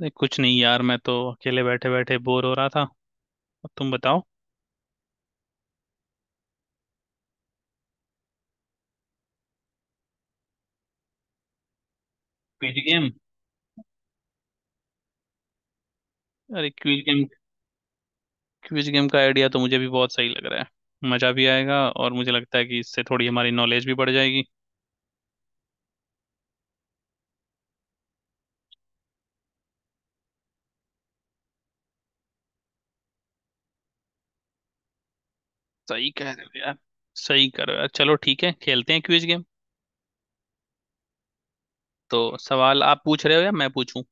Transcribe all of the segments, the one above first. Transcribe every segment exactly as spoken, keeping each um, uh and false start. अरे कुछ नहीं यार, मैं तो अकेले बैठे बैठे बोर हो रहा था। अब तुम बताओ। Quiz game. अरे क्विज गेम। क्विज गेम का आइडिया तो मुझे भी बहुत सही लग रहा है, मजा भी आएगा और मुझे लगता है कि इससे थोड़ी हमारी नॉलेज भी बढ़ जाएगी। सही कह रहे हो यार। सही कह रहे हो यार, चलो ठीक है, खेलते हैं क्विज गेम। तो सवाल आप पूछ रहे हो या मैं पूछूं?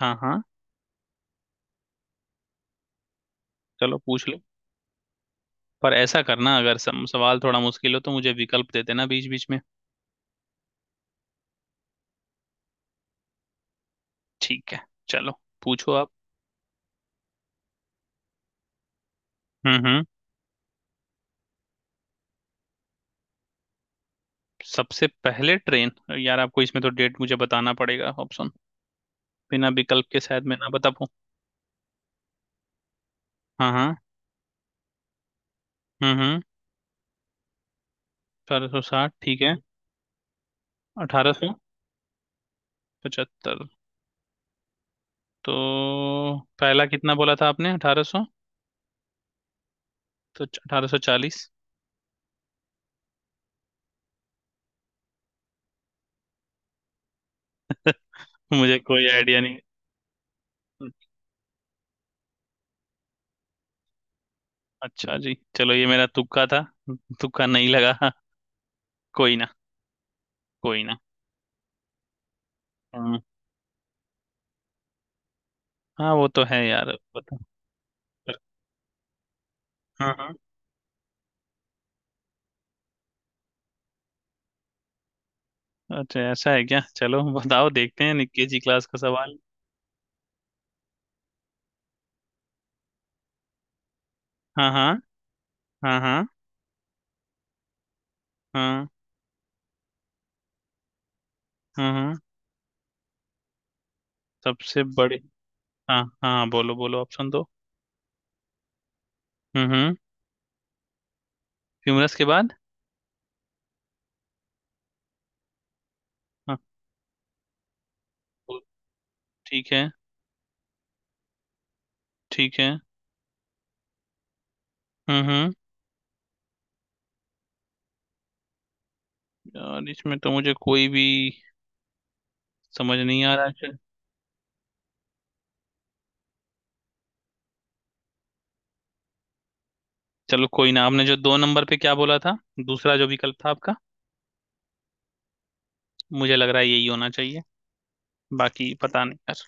हाँ हाँ। चलो पूछ लो। पर ऐसा करना, अगर सम सवाल थोड़ा मुश्किल हो तो मुझे विकल्प दे देना बीच बीच में। ठीक है। चलो। पूछो आप। हम्म। सबसे पहले ट्रेन। यार आपको इसमें तो डेट मुझे बताना पड़ेगा, ऑप्शन। बिना विकल्प के शायद मैं ना बता पाऊँ। हाँ हाँ। हम्म हम्म। अठारह सौ साठ ठीक है। अठारह सौ पचहत्तर। तो पहला कितना बोला था आपने? अठारह सौ। तो अठारह सौ चालीस। मुझे कोई आइडिया नहीं। अच्छा जी, चलो ये मेरा तुक्का था। तुक्का नहीं लगा। कोई ना। कोई ना। हाँ। हाँ वो तो है यार, बता। हाँ हाँ। अच्छा ऐसा है क्या? चलो बताओ देखते हैं, निक्की जी क्लास का सवाल। हाँ हाँ। हाँ हाँ। हाँ। हम्म हम्म। सबसे बड़ी। हाँ हाँ, बोलो बोलो, ऑप्शन दो। हम्म हम्म। ह्यूमरस के बाद? हाँ। वो ठीक है। ठीक है। हम्म हम्म। यार इसमें तो मुझे कोई भी समझ नहीं आ रहा है। चलो कोई ना, आपने जो दो नंबर पे क्या बोला था, दूसरा जो विकल्प था आपका? मुझे लग रहा है यही होना चाहिए। बाकी पता नहीं यार।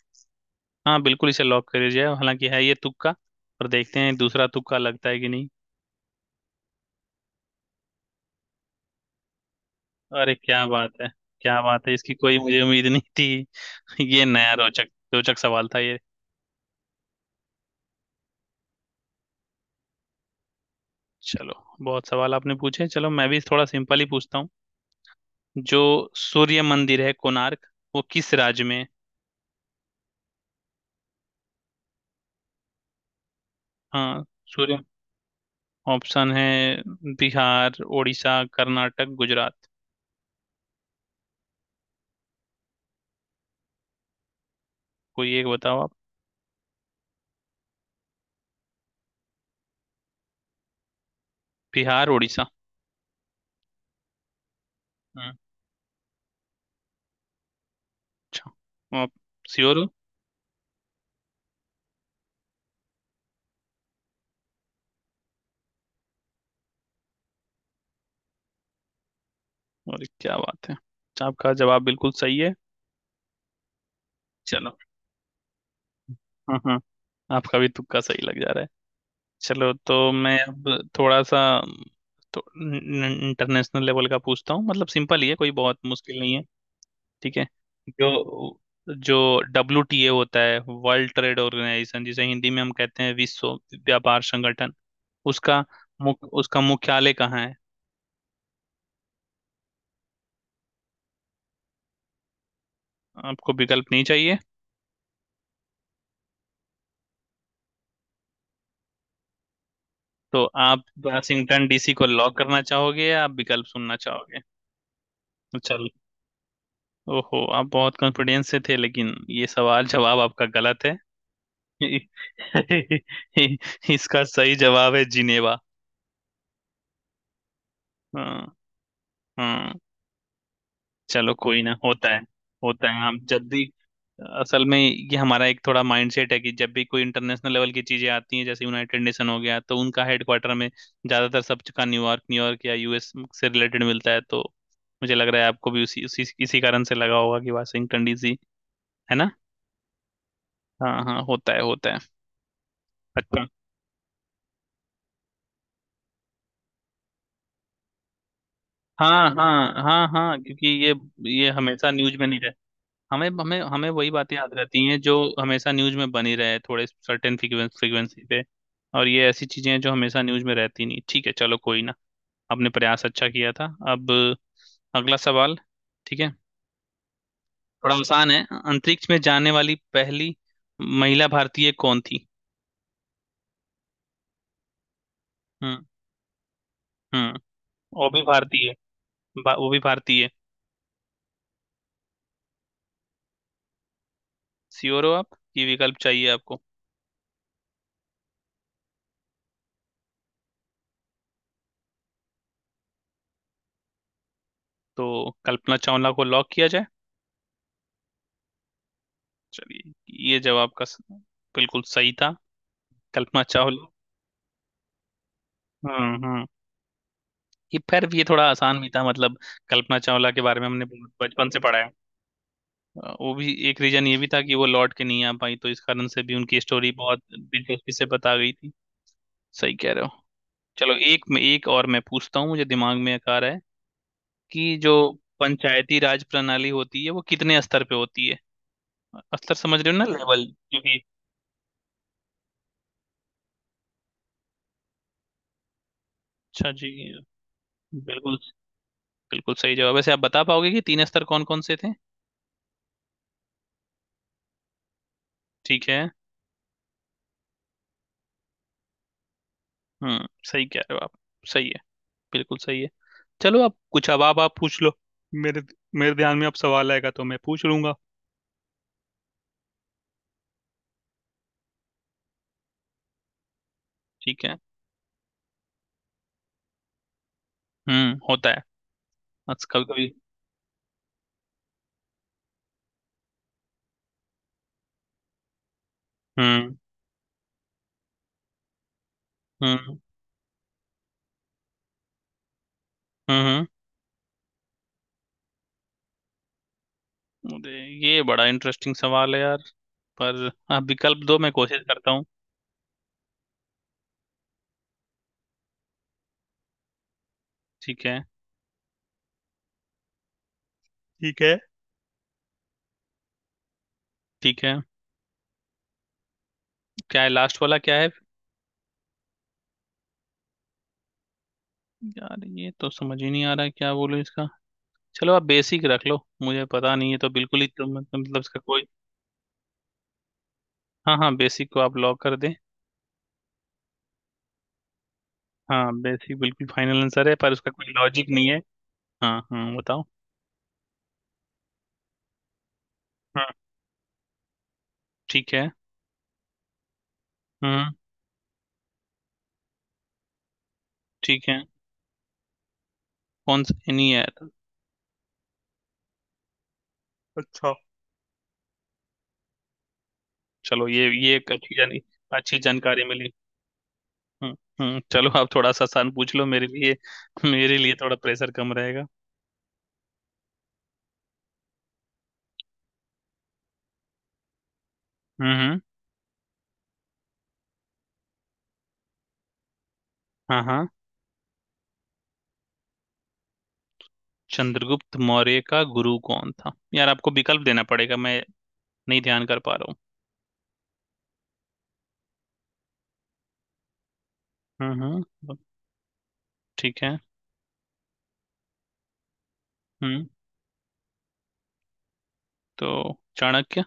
हाँ बिल्कुल, इसे लॉक कर दीजिए, हालांकि है ये तुक्का। पर देखते हैं दूसरा तुक्का लगता है कि नहीं। अरे क्या बात है। क्या बात है, इसकी कोई मुझे उम्मीद नहीं थी। ये नया रोचक रोचक सवाल था ये। चलो। बहुत सवाल आपने पूछे, चलो मैं भी थोड़ा सिंपल ही पूछता हूँ। जो सूर्य मंदिर है कोणार्क, वो किस राज्य में है? हाँ। सूर्य। ऑप्शन है, बिहार, उड़ीसा, कर्नाटक, गुजरात। कोई एक बताओ आप। बिहार उड़ीसा। हम्म। अच्छा। आप श्योर हो? और क्या बात है, आपका जवाब बिल्कुल सही है। चलो। हाँ हाँ। आपका भी तुक्का सही लग जा रहा है। चलो तो मैं अब थोड़ा सा। तो इंटरनेशनल लेवल का पूछता हूँ, मतलब सिंपल ही है, कोई बहुत मुश्किल नहीं है। ठीक है। जो जो डब्ल्यू टी ए होता है, वर्ल्ड ट्रेड ऑर्गेनाइजेशन, जिसे हिंदी में हम कहते हैं विश्व व्यापार संगठन, उसका मुख उसका मुख्यालय कहाँ है? आपको विकल्प नहीं चाहिए? तो आप वाशिंगटन डीसी को लॉक करना चाहोगे या आप विकल्प सुनना चाहोगे? चल। ओहो, आप बहुत कॉन्फिडेंस से थे लेकिन ये सवाल जवाब आपका गलत है। इसका सही जवाब है जिनेवा। हाँ। हाँ। चलो कोई ना, होता है होता है हम जब भी। असल में ये हमारा एक थोड़ा माइंडसेट है कि जब भी कोई इंटरनेशनल लेवल की चीजें आती हैं, जैसे यूनाइटेड नेशन हो गया, तो उनका हेडक्वार्टर में ज्यादातर सब का न्यूयॉर्क, न्यूयॉर्क या यूएस से रिलेटेड मिलता है, तो मुझे लग रहा है आपको भी उसी उसी इसी कारण से लगा होगा कि वाशिंगटन डीसी। है ना? हाँ हाँ, होता है होता है। अच्छा। हाँ हाँ हाँ हाँ, क्योंकि ये ये हमेशा न्यूज में नहीं। हमें हमें हमें वही बातें याद रहती हैं जो हमेशा न्यूज में बनी रहे थोड़े सर्टेन फ्रीक्वेंसी पे। और ये ऐसी चीजें हैं जो हमेशा न्यूज में रहती नहीं। ठीक है, चलो कोई ना। आपने प्रयास अच्छा किया था। अब अगला सवाल। ठीक है। थोड़ा आसान है। अंतरिक्ष में जाने वाली पहली महिला भारतीय कौन थी? हम्म। हम्म वो भी भारतीय। बा- वो भी भारतीय। श्योर हो आप? ये विकल्प चाहिए आपको? तो कल्पना चावला को लॉक किया जाए? चलिए, ये जवाब का स- बिल्कुल सही था। कल्पना चावला। हम्म हम्म। ये फिर भी ये थोड़ा आसान भी था, मतलब कल्पना चावला के बारे में हमने बहुत बचपन से पढ़ा है। अ, वो भी एक रीजन ये भी था कि वो लौट के नहीं आ पाई तो इस कारण से भी उनकी स्टोरी बहुत दिलचस्पी से बता गई थी। सही कह रहे हो। चलो एक में एक और मैं पूछता हूँ, मुझे दिमाग में एक आ रहा है। कि जो पंचायती राज प्रणाली होती है, वो कितने स्तर पे होती है? स्तर समझ रहे हो ना, लेवल। क्योंकि। अच्छा जी। बिल्कुल, बिल्कुल सही जवाब। वैसे आप बता पाओगे कि तीन स्तर कौन कौन से थे? ठीक है। हम्म, सही कह रहे हो आप। सही है। बिल्कुल सही है। चलो अब कुछ, अब आप, आप पूछ लो। मेरे मेरे ध्यान में अब सवाल आएगा तो मैं पूछ लूंगा। ठीक है। हम्म होता है। आज कभी कभी। हम्म हम्म। हम्म। अरे, ये बड़ा इंटरेस्टिंग सवाल है यार। पर आप विकल्प दो, मैं कोशिश करता हूँ। ठीक है। ठीक है। ठीक है। क्या है लास्ट वाला, क्या है? यार ये तो समझ ही नहीं आ रहा है, क्या बोलूं इसका? चलो आप बेसिक रख लो, मुझे पता नहीं है तो बिल्कुल ही तो मतलब मतलब इसका कोई। हाँ हाँ, बेसिक को आप लॉक कर दें। हाँ बेसिक बिल्कुल फाइनल आंसर है, पर उसका कोई लॉजिक नहीं है। हाँ हाँ बताओ। हाँ। ठीक है। हम्म। ठीक है। कौन सा नहीं है? अच्छा। चलो ये ये एक अच्छी जानी अच्छी जानकारी मिली। हम्म हम्म। चलो आप थोड़ा सा आसान पूछ लो मेरे लिए। मेरे लिए थोड़ा प्रेशर कम रहेगा। हम्म हम्म। हाँ हाँ। चंद्रगुप्त मौर्य का गुरु कौन था? यार आपको विकल्प देना पड़ेगा, मैं नहीं ध्यान कर पा रहा हूँ। हम्म हम्म। ठीक है। हम्म। तो चाणक्य।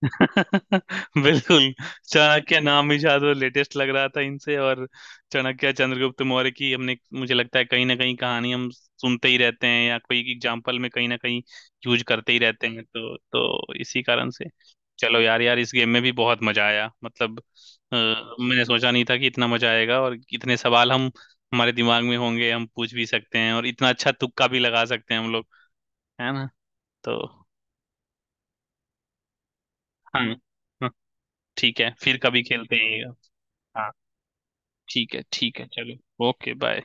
बिल्कुल। चाणक्य नाम ही शायद वो लेटेस्ट लग रहा था इनसे, और चाणक्य चंद्रगुप्त मौर्य की हमने, मुझे लगता है कहीं ना कहीं कहानी हम सुनते ही रहते हैं या कोई एग्जाम्पल में कहीं ना कहीं यूज करते ही रहते हैं, तो तो इसी कारण से। चलो यार। यार इस गेम में भी बहुत मजा आया, मतलब अ, मैंने सोचा नहीं था कि इतना मजा आएगा और इतने सवाल हम हमारे दिमाग में होंगे, हम पूछ भी सकते हैं और इतना अच्छा तुक्का भी लगा सकते हैं हम लोग। है ना? तो। हाँ। हाँ, ठीक है फिर कभी खेलते हैं ये। हाँ, ठीक है ठीक है। चलो ओके बाय।